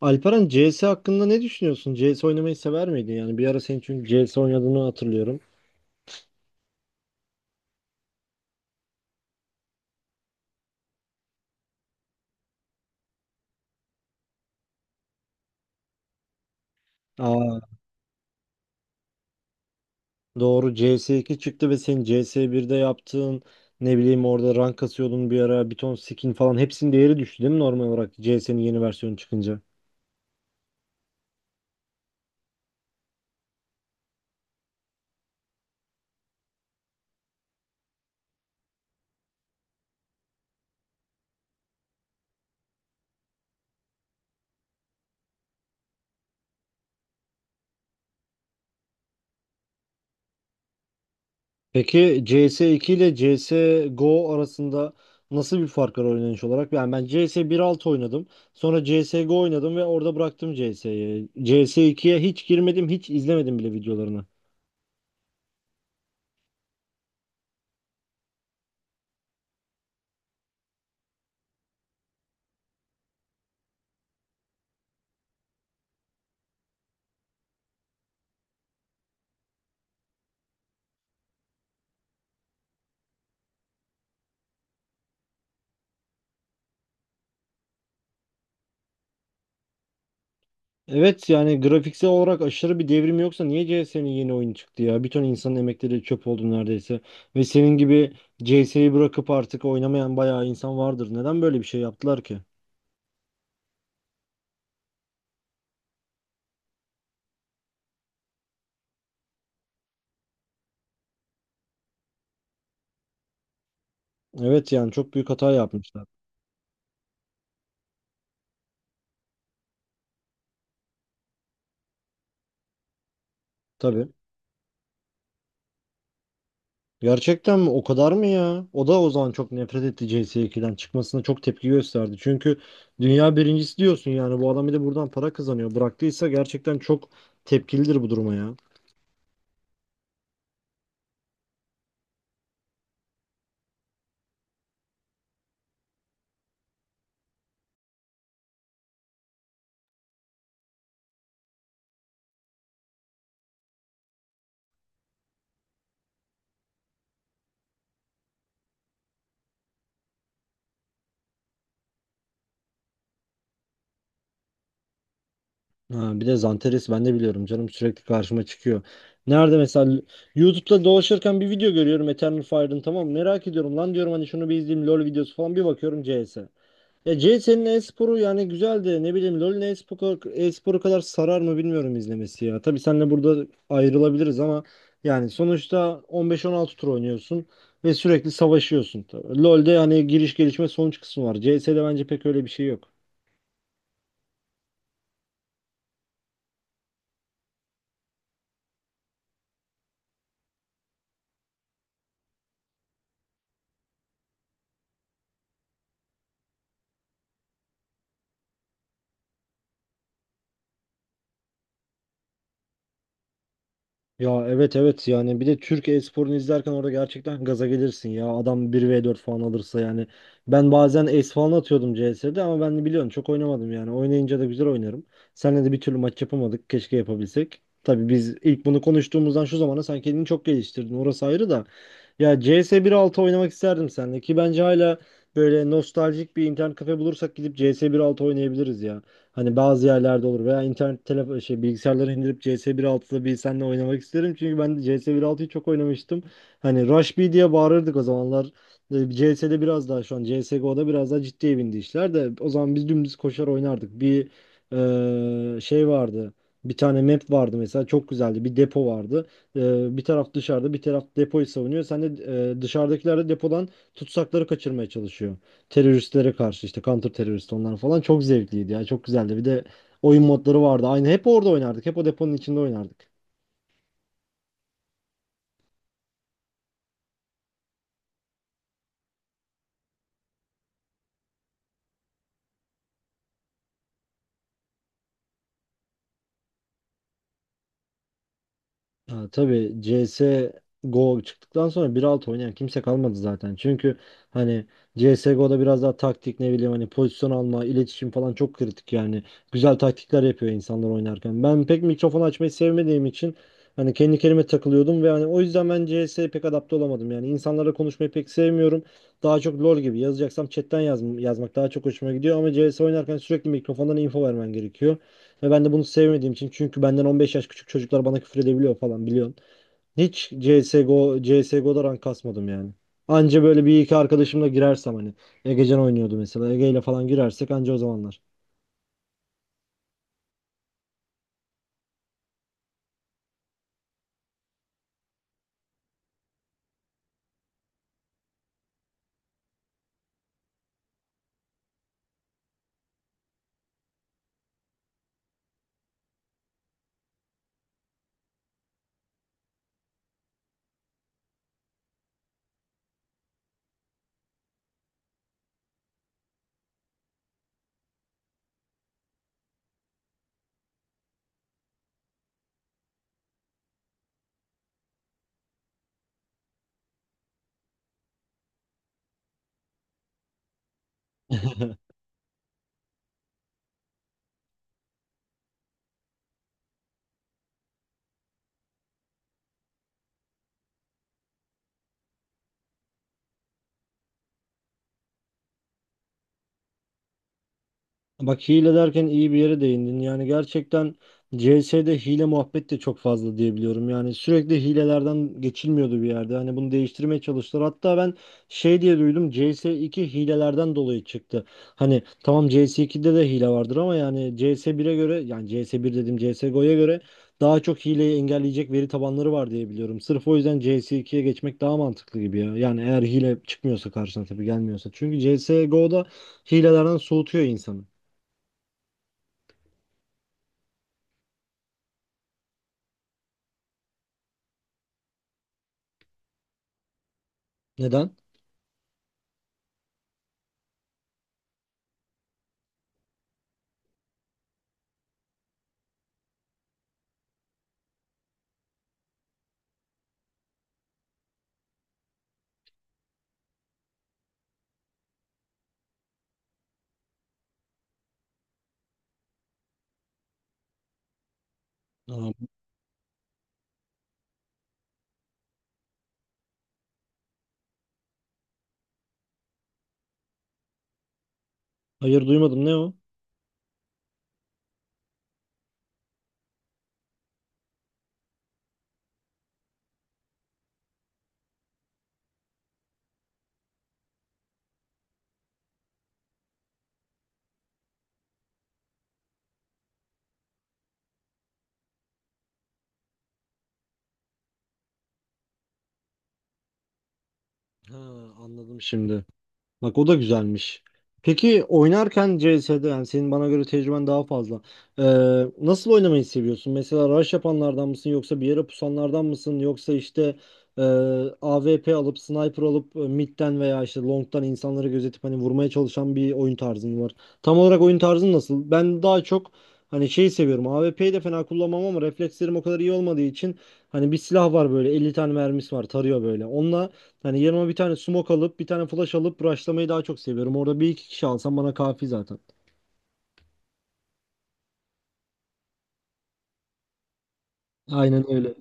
Alperen CS hakkında ne düşünüyorsun? CS oynamayı sever miydin? Yani bir ara senin çünkü CS oynadığını hatırlıyorum. Aa, doğru CS2 çıktı ve senin CS1'de yaptığın, ne bileyim, orada rank kasıyordun bir ara, bir ton skin falan hepsinin değeri düştü değil mi normal olarak CS'nin yeni versiyonu çıkınca? Peki CS2 ile CSGO arasında nasıl bir fark var oynanış olarak? Yani ben CS altı oynadım. Sonra CSGO oynadım ve orada bıraktım CS'yi. CS2'ye hiç girmedim, hiç izlemedim bile videolarını. Evet yani grafiksel olarak aşırı bir devrim yoksa niye CS'nin yeni oyunu çıktı ya? Bir ton insanın emekleri çöp oldu neredeyse. Ve senin gibi CS'yi bırakıp artık oynamayan bayağı insan vardır. Neden böyle bir şey yaptılar ki? Evet yani çok büyük hata yapmışlar. Tabii. Gerçekten mi? O kadar mı ya? O da o zaman çok nefret etti, CS2'den çıkmasına çok tepki gösterdi. Çünkü dünya birincisi diyorsun, yani bu adam bir de buradan para kazanıyor. Bıraktıysa gerçekten çok tepkilidir bu duruma ya. Ha, bir de Zanteres, ben de biliyorum canım, sürekli karşıma çıkıyor. Nerede mesela YouTube'da dolaşırken bir video görüyorum Eternal Fire'ın, tamam mı? Merak ediyorum, lan diyorum hani, şunu bir izleyeyim, LoL videosu falan, bir bakıyorum CS. Ya CS'nin e-sporu yani güzel de, ne bileyim, LoL'ün e-sporu kadar sarar mı bilmiyorum izlemesi ya. Tabii seninle burada ayrılabiliriz ama yani sonuçta 15-16 tur oynuyorsun ve sürekli savaşıyorsun. Tabii. LoL'de hani giriş, gelişme, sonuç kısmı var. CS'de bence pek öyle bir şey yok. Ya, evet, evet, yani bir de Türk e-sporunu izlerken orada gerçekten gaza gelirsin ya. Adam bir v 4 falan alırsa yani. Ben bazen ace falan atıyordum CS'de ama ben de biliyorsun çok oynamadım yani. Oynayınca da güzel oynarım. Seninle de bir türlü maç yapamadık. Keşke yapabilsek. Tabii biz ilk bunu konuştuğumuzdan şu zamana sen kendini çok geliştirdin. Orası ayrı da. Ya CS 1.6 oynamak isterdim seninle ki bence hala böyle nostaljik bir internet kafe bulursak gidip CS 1.6 oynayabiliriz ya. Hani bazı yerlerde olur veya internet telefon şey bilgisayarları indirip CS 1.6'da, bir nokta altıda bir seninle oynamak isterim. Çünkü ben CS 1.6'yı çok oynamıştım. Hani Rush B diye bağırırdık o zamanlar. CS'de biraz daha, şu an CSGO'da biraz daha ciddiye bindi işler de o zaman biz dümdüz koşar oynardık. Bir şey vardı. Bir tane map vardı mesela, çok güzeldi. Bir depo vardı. Eee, bir taraf dışarıda, bir taraf depoyu savunuyor. Sen de dışarıdakiler de depodan tutsakları kaçırmaya çalışıyor, teröristlere karşı işte counter terörist, onlar falan, çok zevkliydi ya, çok güzeldi. Bir de oyun modları vardı. Aynı hep orada oynardık. Hep o deponun içinde oynardık. Ha, tabii CS Go çıktıktan sonra bir alt oynayan kimse kalmadı zaten. Çünkü hani CSGO'da biraz daha taktik, ne bileyim, hani pozisyon alma, iletişim falan çok kritik yani. Güzel taktikler yapıyor insanlar oynarken. Ben pek mikrofon açmayı sevmediğim için hani kendi kendime takılıyordum ve hani o yüzden ben CS'ye pek adapte olamadım. Yani insanlarla konuşmayı pek sevmiyorum. Daha çok LoL gibi yazacaksam chatten yazmak daha çok hoşuma gidiyor ama CS oynarken sürekli mikrofondan info vermen gerekiyor. Ve ben de bunu sevmediğim için, çünkü benden 15 yaş küçük çocuklar bana küfür edebiliyor falan, biliyorsun. Hiç CSGO'da rank kasmadım yani. Anca böyle bir iki arkadaşımla girersem hani. Egecan oynuyordu mesela. Ege ile falan girersek anca, o zamanlar. Bak, hile derken iyi bir yere değindin. Yani gerçekten CS'de hile muhabbet de çok fazla diyebiliyorum. Yani sürekli hilelerden geçilmiyordu bir yerde. Hani bunu değiştirmeye çalıştılar. Hatta ben şey diye duydum, C S iki hilelerden dolayı çıktı. Hani tamam, C S 2'de de hile vardır ama yani C S 1'e göre, yani C S bir dedim, C S CSGO'ya göre daha çok hileyi engelleyecek veri tabanları var diye biliyorum. Sırf o yüzden C S ikiye geçmek daha mantıklı gibi ya. Yani eğer hile çıkmıyorsa karşına, tabii gelmiyorsa. Çünkü C S CSGO'da hilelerden soğutuyor insanı. Neden? Aa, hayır, duymadım. Ne o? Ha, anladım şimdi. Bak, o da güzelmiş. Peki oynarken CS'de, yani senin bana göre tecrüben daha fazla. Ee, Nasıl oynamayı seviyorsun? Mesela rush yapanlardan mısın yoksa bir yere pusanlardan mısın yoksa işte e, AWP alıp, sniper alıp midden veya işte longdan insanları gözetip hani vurmaya çalışan bir oyun tarzın var. Tam olarak oyun tarzın nasıl? Ben daha çok hani şeyi seviyorum. AWP'yi de fena kullanmam ama reflekslerim o kadar iyi olmadığı için hani bir silah var böyle, 50 tane mermisi var, tarıyor böyle. Onunla. Hani yanıma bir tane smoke alıp bir tane flash alıp rushlamayı daha çok seviyorum. Orada bir iki kişi alsam bana kafi zaten. Aynen öyle.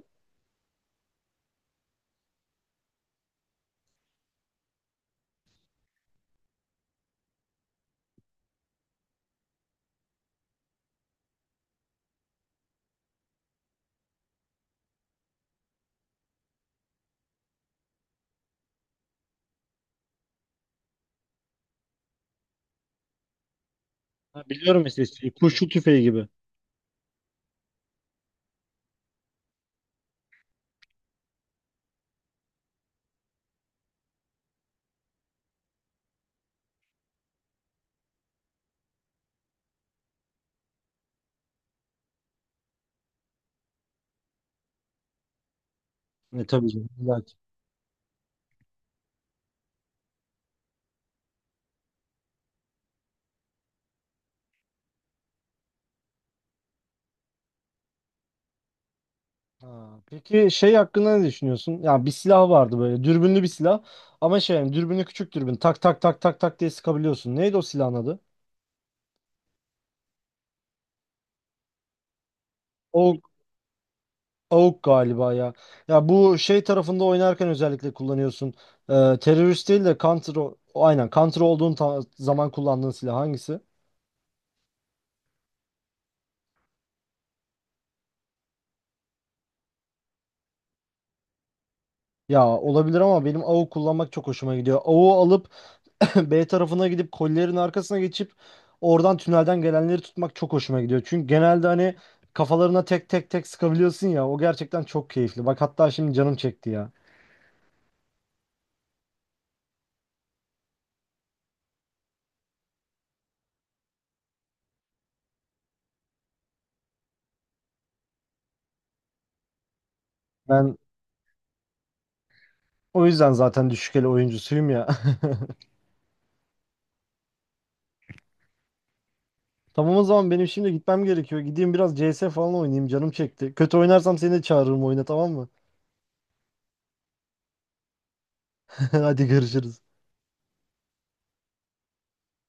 Ha, biliyorum işte şey, kurşun tüfeği gibi. Tabii canım. İlla ki. Ha, peki şey hakkında ne düşünüyorsun? Ya bir silah vardı, böyle dürbünlü bir silah ama şey yani dürbünü küçük, dürbün tak tak tak tak tak diye sıkabiliyorsun. Neydi o silahın adı? AUK, AUK galiba ya. Ya bu şey tarafında oynarken özellikle kullanıyorsun. Terörist değil de counter aynen counter olduğun zaman kullandığın silah hangisi? Ya olabilir ama benim AWP kullanmak çok hoşuma gidiyor. AWP alıp B tarafına gidip kollerin arkasına geçip oradan tünelden gelenleri tutmak çok hoşuma gidiyor. Çünkü genelde hani kafalarına tek tek tek sıkabiliyorsun ya. O gerçekten çok keyifli. Bak hatta şimdi canım çekti ya. Ben o yüzden zaten düşük el oyuncusuyum ya. Tamam, o zaman benim şimdi gitmem gerekiyor. Gideyim biraz CS falan oynayayım, canım çekti. Kötü oynarsam seni de çağırırım oyuna, tamam mı? Hadi, görüşürüz.